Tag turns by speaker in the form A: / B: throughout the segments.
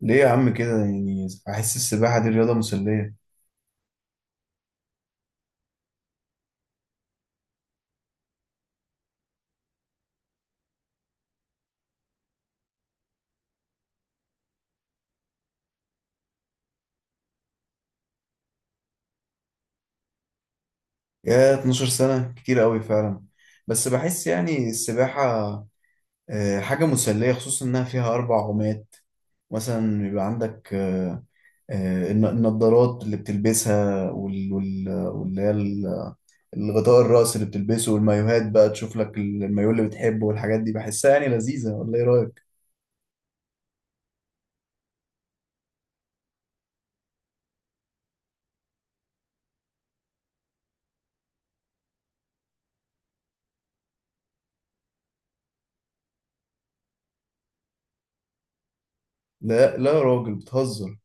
A: ليه يا عم كده؟ يعني بحس السباحة دي رياضة مسلية. يا 12 سنة كتير قوي فعلا. بس بحس يعني السباحة حاجة مسلية، خصوصا إنها فيها أربع عومات. مثلا بيبقى عندك النضارات اللي بتلبسها، الغطاء الرأس اللي بتلبسه، والمايوهات. بقى تشوف لك المايوه اللي بتحبه، والحاجات دي بحسها يعني لذيذة، ولا إيه رأيك؟ لا لا يا راجل، بتهزر.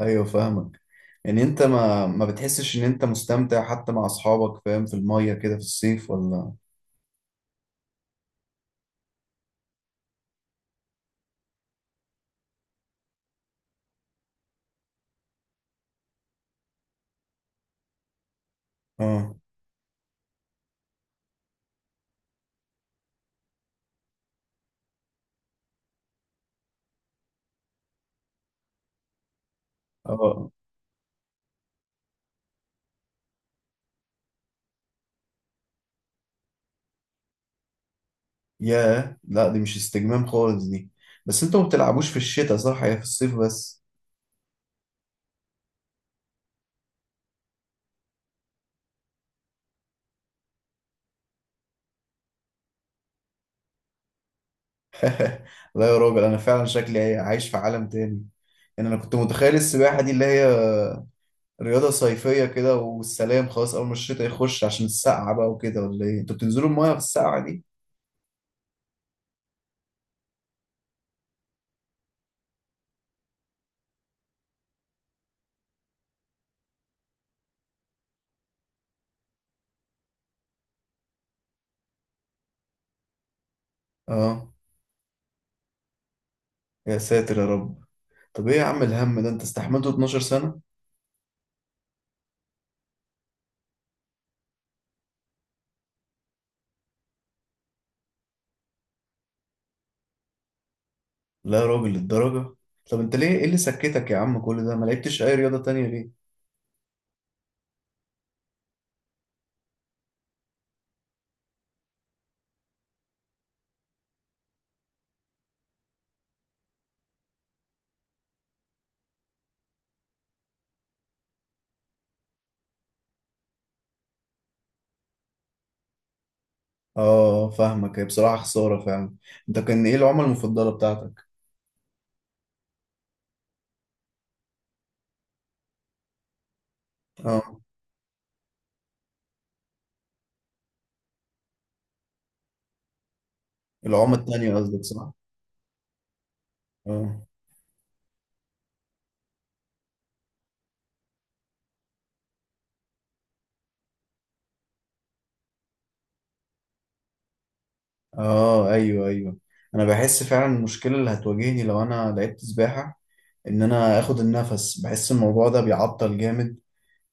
A: ايوه فاهمك. يعني انت ما بتحسش ان انت مستمتع حتى مع اصحابك، فاهم، في المية كده في الصيف، ولا؟ اه. اه. ياه، لا دي مش استجمام خالص دي. بس انتوا ما بتلعبوش في الشتاء، صح؟ هي في الصيف بس. لا يا راجل، انا فعلا شكلي إيه، عايش في عالم تاني. يعني انا كنت متخيل السباحة دي اللي هي رياضة صيفية كده والسلام، خلاص أول ما الشتاء يخش عشان السقعة بقى وكده، ولا إيه؟ أنتوا بتنزلوا المايه في السقعة دي؟ آه. يا ساتر يا رب، طب إيه يا عم الهم ده أنت استحملته 12 سنة؟ لا يا راجل، للدرجة؟ طب انت ليه، ايه اللي سكتك يا عم كل ده، ما لعبتش اي رياضة تانية ليه؟ اه فاهمك، هي بصراحة خسارة فعلا. انت كان ايه العمى المفضلة بتاعتك؟ اه العمى التانية، قصدك صح؟ اه. اه ايوه ايوه. انا بحس فعلا المشكلة اللي هتواجهني لو انا لعبت سباحة، ان انا اخد النفس. بحس الموضوع ده بيعطل جامد،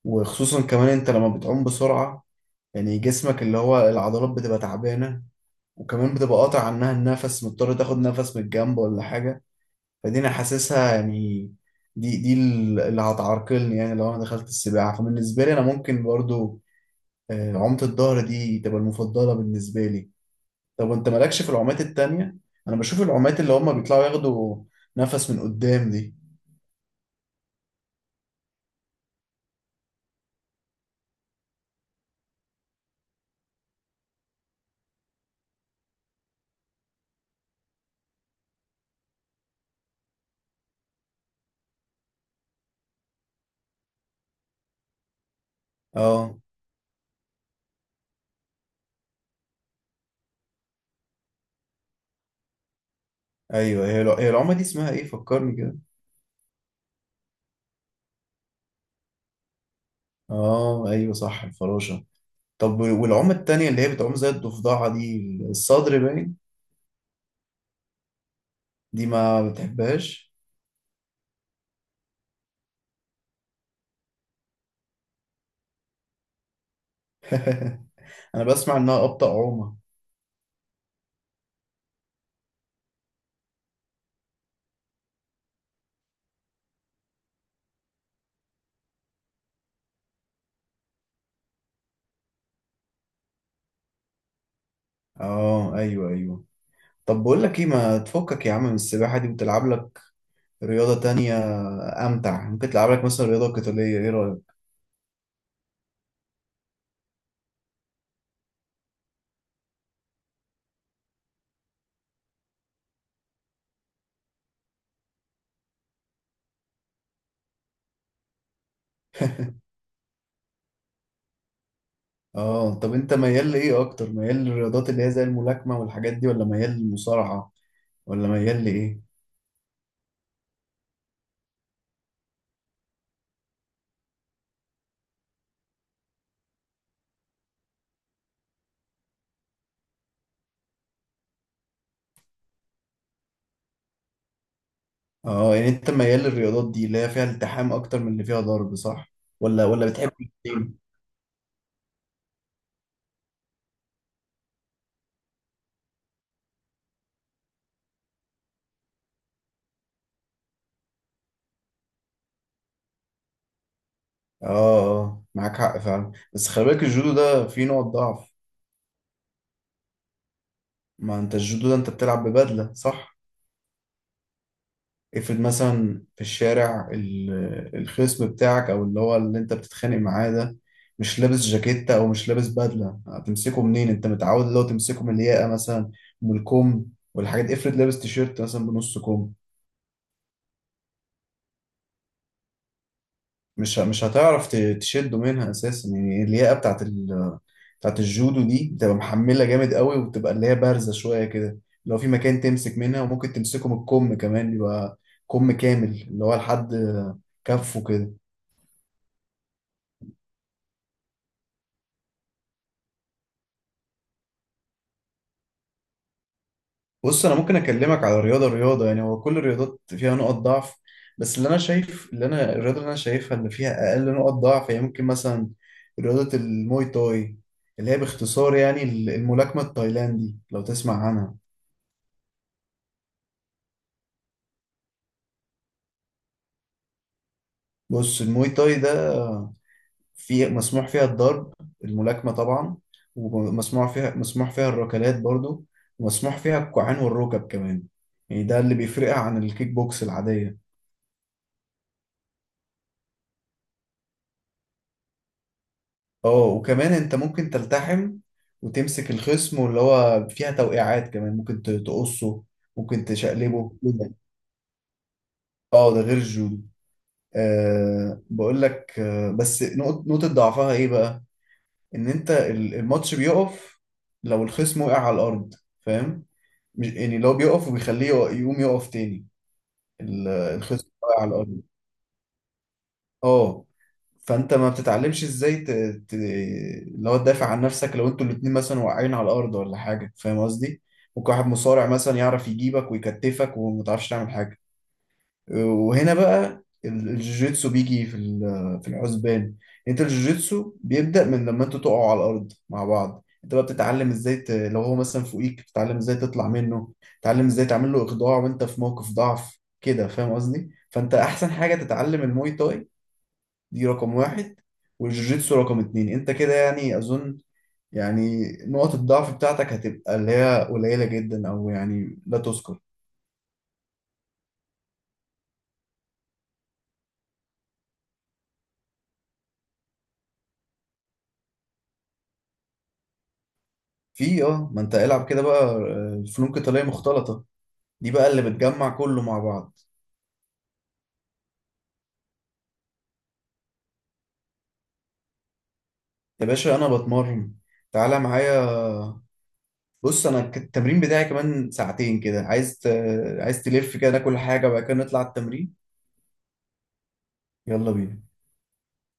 A: وخصوصا كمان انت لما بتعوم بسرعة، يعني جسمك اللي هو العضلات بتبقى تعبانة، وكمان بتبقى قاطع عنها النفس، مضطر تاخد نفس من الجنب ولا حاجة. فدي انا حاسسها، يعني دي اللي هتعرقلني، يعني لو انا دخلت السباحه. فبالنسبه لي انا ممكن برضو عومه الظهر دي تبقى المفضله بالنسبه لي. طب انت مالكش في العومات التانية؟ انا بشوف العومات اللي هم بيطلعوا ياخدوا نفس من قدام دي. اه ايوه، هي العومه دي اسمها ايه، فكرني كده؟ اه ايوه صح، الفراشه. طب والعومه التانية اللي هي بتعوم زي الضفدعه دي، الصدر، باين دي ما بتحبهاش. انا بسمع انها ابطأ عومه. اه ايوه ايوه. طب بقول لك ايه، ما تفكك يا عم من السباحة دي وتلعب لك رياضة تانية أمتع؟ ممكن تلعب لك مثلا رياضة قتالية، ايه رأيك؟ اه، طب انت ميال لإيه أكتر؟ ميال للرياضات اللي هي زي الملاكمة والحاجات دي، ولا ميال للمصارعة، ولا ميال لإيه؟ اه، يعني انت ميال للرياضات دي اللي هي فيها التحام أكتر من اللي فيها ضرب، صح؟ ولا بتحب الاتنين؟ اه. اه معاك حق فعلا، بس خلي بالك الجودو ده فيه نوع ضعف. ما انت الجودو ده انت بتلعب ببدلة، صح؟ افرض مثلا في الشارع، الخصم بتاعك او اللي هو اللي انت بتتخانق معاه ده مش لابس جاكيتة، او مش لابس بدلة، هتمسكه منين؟ انت متعود اللي هو تمسكه من الياقة مثلا، من الكم والحاجات دي. افرض لابس تيشيرت مثلا بنص كم، مش هتعرف تشده منها اساسا. يعني الياقة بتاعت بتاعت الجودو دي بتبقى محملة جامد قوي، وبتبقى اللي هي بارزة شوية كده، لو في مكان تمسك منها. وممكن تمسكه من الكم كمان، يبقى كم كامل اللي هو لحد كفه كده. بص انا ممكن اكلمك على رياضه رياضه، يعني هو كل الرياضات فيها نقط ضعف، بس اللي انا شايف، اللي انا الرياضه اللي انا شايفها اللي فيها اقل نقط ضعف، هي ممكن مثلا رياضه الموي تاي، اللي هي باختصار يعني الملاكمه التايلاندي، لو تسمع عنها. بص الموي تاي ده في مسموح فيها الضرب، الملاكمه طبعا، ومسموح فيها الركلات برضو، ومسموح فيها الكوعين والركب كمان. يعني ده اللي بيفرقها عن الكيك بوكس العاديه. اه وكمان انت ممكن تلتحم، وتمسك الخصم، واللي هو فيها توقيعات كمان، ممكن تقصه، ممكن تشقلبه كده. اه ده غير الجودو. أه، بقول لك بس نقطة ضعفها ايه بقى؟ ان انت الماتش بيقف لو الخصم وقع على الارض، فاهم؟ يعني لو بيقف، وبيخليه يقوم يقف تاني. الخصم وقع على الارض. اه. فانت ما بتتعلمش ازاي اللي هو تدافع عن نفسك، لو انتوا الاتنين مثلا واقعين على الارض ولا حاجه، فاهم قصدي؟ ممكن واحد مصارع مثلا يعرف يجيبك ويكتفك، وما تعرفش تعمل حاجه. وهنا بقى الجوجيتسو بيجي في في الحسبان. انت الجوجيتسو بيبدأ من لما انتوا تقعوا على الارض مع بعض. انت بقى بتتعلم ازاي لو هو مثلا فوقيك، بتتعلم ازاي تطلع منه، تتعلم ازاي تعمل له اخضاع وانت في موقف ضعف كده، فاهم قصدي؟ فانت احسن حاجه تتعلم الموي تاي، دي رقم واحد، والجوجيتسو رقم اتنين. انت كده يعني اظن يعني نقط الضعف بتاعتك هتبقى اللي هي قليلة جدا، او يعني لا تذكر. في اه، ما انت العب كده بقى فنون قتالية مختلطة، دي بقى اللي بتجمع كله مع بعض. يا باشا انا بتمرن، تعالى معايا. بص انا التمرين بتاعي كمان ساعتين كده، عايز عايز تلف كده، ناكل حاجة وبعد كده نطلع التمرين. يلا بينا.